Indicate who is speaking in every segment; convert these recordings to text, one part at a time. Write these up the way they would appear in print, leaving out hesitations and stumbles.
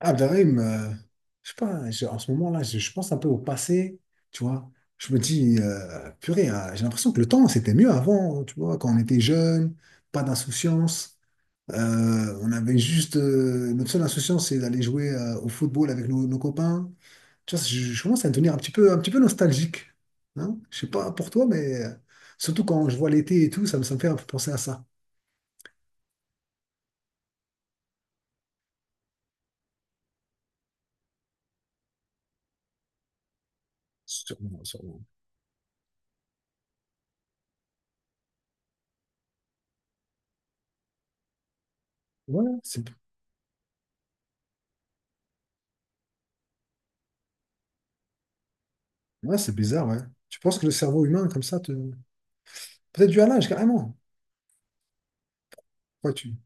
Speaker 1: Abderrahim, je sais pas, en ce moment-là, je pense un peu au passé, tu vois. Je me dis, purée, j'ai l'impression que le temps, c'était mieux avant, tu vois, quand on était jeune, pas d'insouciance. On avait juste, notre seule insouciance, c'est d'aller jouer au football avec nos copains. Tu vois, je commence à devenir un petit peu nostalgique. Hein? Je sais pas pour toi, mais surtout quand je vois l'été et tout, ça me fait un peu penser à ça. Sûrement, sûrement. Ouais, c'est ouais, c'est bizarre, ouais. Tu penses que le cerveau humain, comme ça, te... Peut-être du halage, carrément. Vois-tu?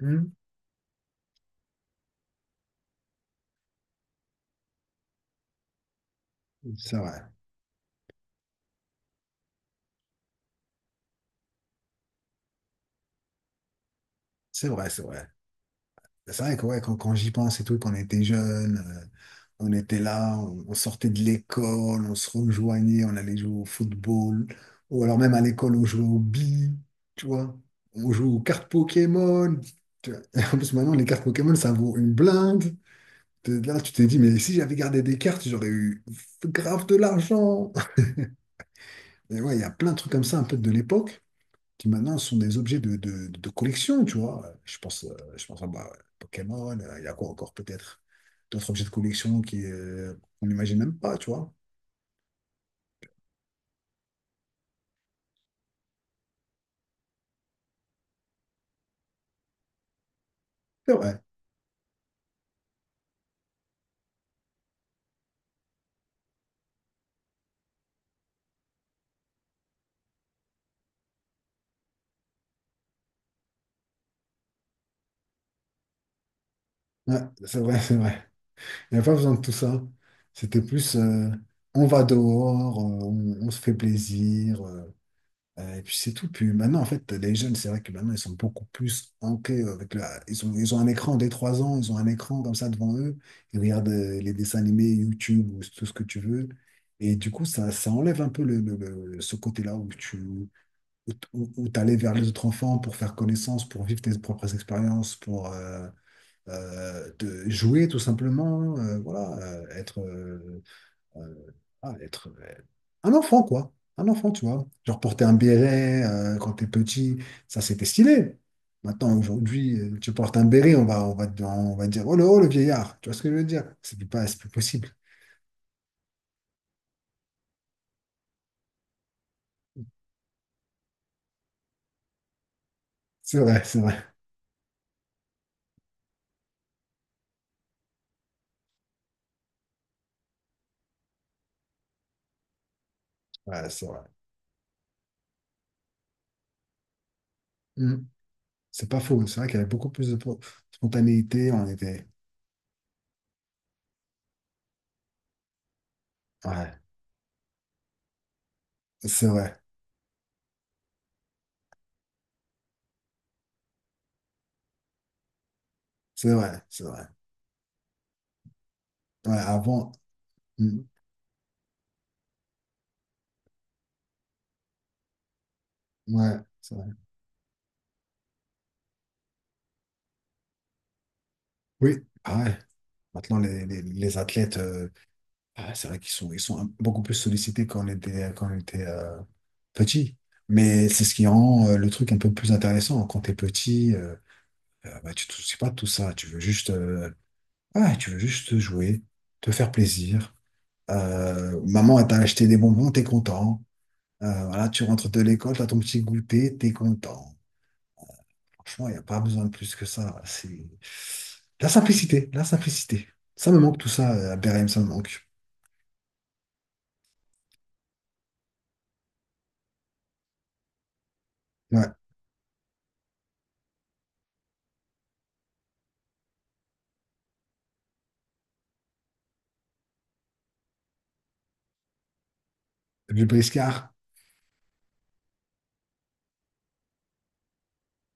Speaker 1: Hmm C'est vrai. C'est vrai, c'est vrai. Bah, c'est vrai que ouais, quand, quand j'y pense et tout, quand on était jeunes, on était là, on sortait de l'école, on se rejoignait, on allait jouer au football. Ou alors même à l'école, on jouait au billes, tu vois. On jouait aux cartes Pokémon. Tu vois. Et en plus, maintenant, les cartes Pokémon, ça vaut une blinde. T'es là, tu t'es dit, mais si j'avais gardé des cartes, j'aurais eu grave de l'argent. Et ouais, il y a plein de trucs comme ça, un peu de l'époque. Qui maintenant sont des objets de, de collection, tu vois. Je pense à bah, Pokémon, il y a quoi encore peut-être? D'autres objets de collection qui, on n'imagine même pas, tu vois. C'est vrai, ouais, c'est vrai, c'est vrai. Il n'y a pas besoin de tout ça. C'était plus, on va dehors, on se fait plaisir. Et puis c'est tout. Puis maintenant, en fait, les jeunes, c'est vrai que maintenant, ils sont beaucoup plus ancrés avec la... Ils ont un écran dès 3 ans, ils ont un écran comme ça devant eux. Ils regardent les dessins animés, YouTube ou tout ce que tu veux. Et du coup, ça enlève un peu ce côté-là où tu où, t- où- où t'allais vers les autres enfants pour faire connaissance, pour vivre tes propres expériences, pour te jouer tout simplement, voilà, être euh, ah, être un enfant, quoi. Un enfant, tu vois. Genre porter un béret quand t'es petit, ça c'était stylé. Maintenant, aujourd'hui, tu portes un béret, on va dire, oh, le vieillard. Tu vois ce que je veux dire? C'est plus pas, c'est plus possible. C'est vrai, c'est vrai. Ouais, c'est vrai. Mm. C'est pas faux. C'est vrai qu'il y avait beaucoup plus de spontanéité. On était. Ouais, c'est vrai. C'est vrai, c'est vrai. Ouais, avant. Mm. Ouais, c'est vrai. Oui, ah ouais. Maintenant, les athlètes. Ah, c'est vrai qu'ils sont, beaucoup plus sollicités quand on était petit. Mais c'est ce qui rend le truc un peu plus intéressant. Quand t'es petit, bah, tu te soucies pas de tout ça. Tu veux juste, ouais, tu veux juste jouer, te faire plaisir. Maman, elle t'a acheté des bonbons, t'es content. Voilà, tu rentres de l'école, t'as ton petit goûter, t'es content. Franchement, il n'y a pas besoin de plus que ça. C'est la simplicité, la simplicité. Ça me manque tout ça, à Bérem, ça me manque. Ouais, le briscard.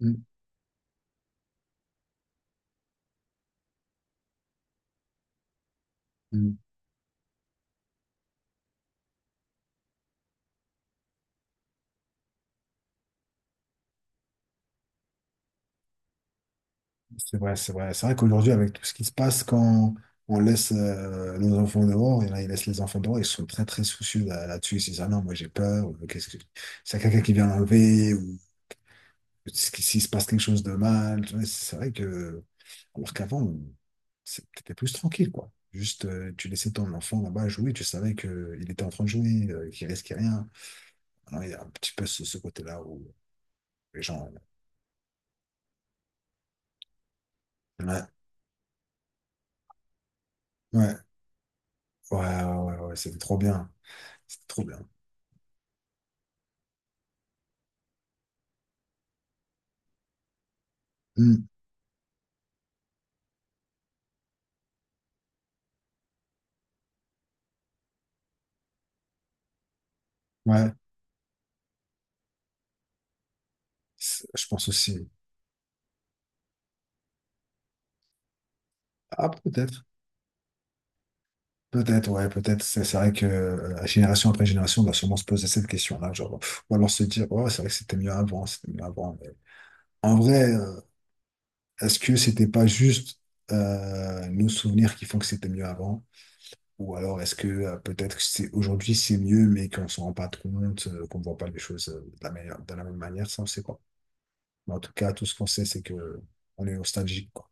Speaker 1: Mm, mm. C'est vrai, c'est vrai. C'est vrai qu'aujourd'hui, avec tout ce qui se passe, quand on laisse nos enfants dehors, et là, ils laissent les enfants dehors, ils sont très, très soucieux là-dessus. Ils se disent, ah non, moi, j'ai peur, ou qu'est-ce que... C'est quelqu'un qui vient l'enlever, ou s'il se passe quelque chose de mal. Tu vois, c'est vrai que, alors qu'avant, c'est- t'étais plus tranquille, quoi. Juste, tu laissais ton enfant là-bas jouer, tu savais que il était en train de jouer, qu'il risquait rien. Alors, il y a un petit peu ce, ce côté-là où les gens... Ouais, ouais, ouais, ouais, c'était trop bien. C'était trop bien. Mmh. Ouais, je pense aussi. Ah, peut-être. Peut-être, ouais, peut-être. C'est vrai que génération après génération, on va sûrement se poser cette question-là. Genre, pff, ou alors se dire, ouais, c'est vrai que c'était mieux avant, c'était mieux avant. Mais en vrai, est-ce que c'était pas juste nos souvenirs qui font que c'était mieux avant? Ou alors est-ce que peut-être que c'est aujourd'hui c'est mieux, mais qu'on s'en rend pas compte, qu'on voit pas les choses de la meilleure, de la même manière, ça on sait pas. Mais en tout cas, tout ce qu'on sait, c'est que on est nostalgique, quoi.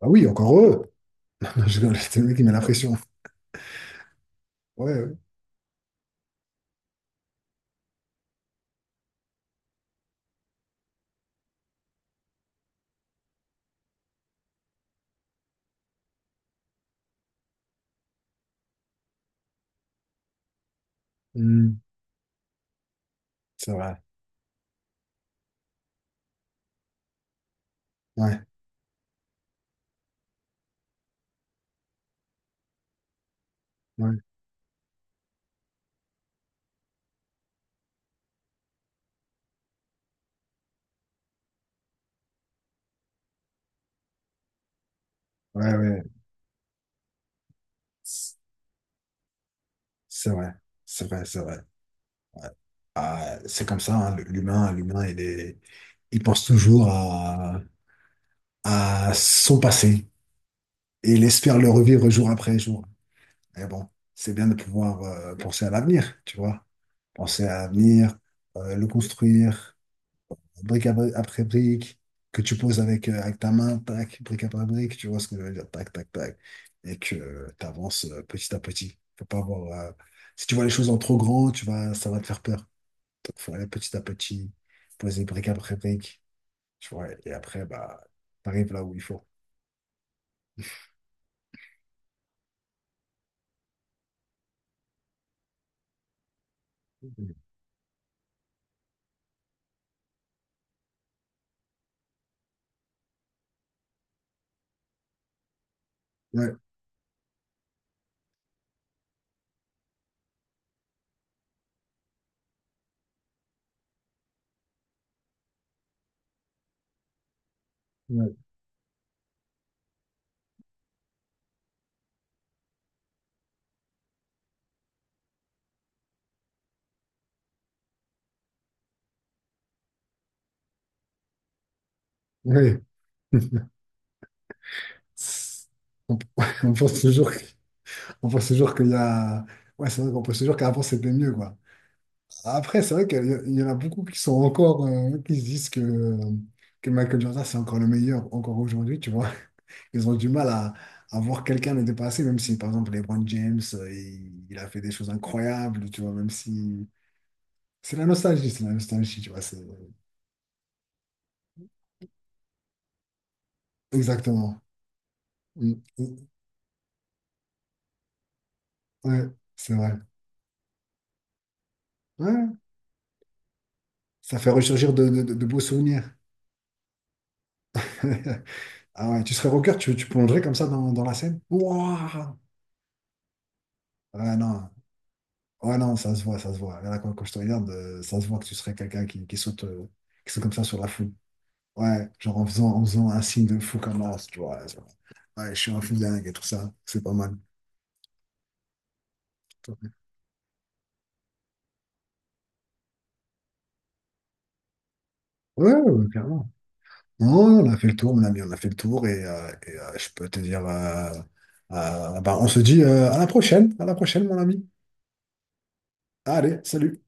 Speaker 1: Ah oui, encore heureux! Je rigole, c'est lui qui met la pression. Ouais, ouais. Hmm, c'est vrai. Ouais, ouais, ouais, ouais. C'est c'est vrai. C'est vrai, c'est vrai. Ah, c'est comme ça, hein, l'humain, l'humain, il est, il pense toujours à son passé et il espère le revivre jour après jour. Et bon, c'est bien de pouvoir penser à l'avenir, tu vois. Penser à l'avenir, le construire. Brique à après brique, que tu poses avec, avec ta main, tac, brique après brique, tu vois ce que je veux dire, tac, tac, tac, et que tu avances petit à petit. Faut pas avoir, si tu vois les choses en trop grand, tu vas, ça va te faire peur. Donc, faut aller petit à petit, poser brique après brique, tu vois, et après, bah, t'arrives là où il faut. Ouais, ouais, ouais. On, on pense toujours, on pense toujours qu'il y a, ouais, c'est vrai qu'on pense toujours qu'avant c'était mieux, quoi. Après, c'est vrai qu'il y en a beaucoup qui sont encore, qui se disent que Michael Jordan, c'est encore le meilleur, encore aujourd'hui, tu vois. Ils ont du mal à voir quelqu'un le dépasser, même si, par exemple, LeBron James, il a fait des choses incroyables, tu vois, même si... c'est la nostalgie, tu vois, c'est... Exactement. Mm, mm, ouais, c'est vrai. Ouais, ça fait ressurgir de, de beaux souvenirs. Ah ouais, tu serais rocker, tu plongerais comme ça dans, dans la scène? Ouah ouais, non. Ouais, non, ça se voit, ça se voit. Là, quand, quand je te regarde, ça se voit que tu serais quelqu'un qui saute comme ça sur la foule. Ouais, genre en faisant un signe de fou comme ça, tu vois. Genre, ouais, je suis un fou dingue et tout ça. C'est pas mal. Ouais, ouais, clairement. Non, on a fait le tour, mon ami, on a fait le tour et, je peux te dire, bah, on se dit à la prochaine, mon ami. Allez, salut.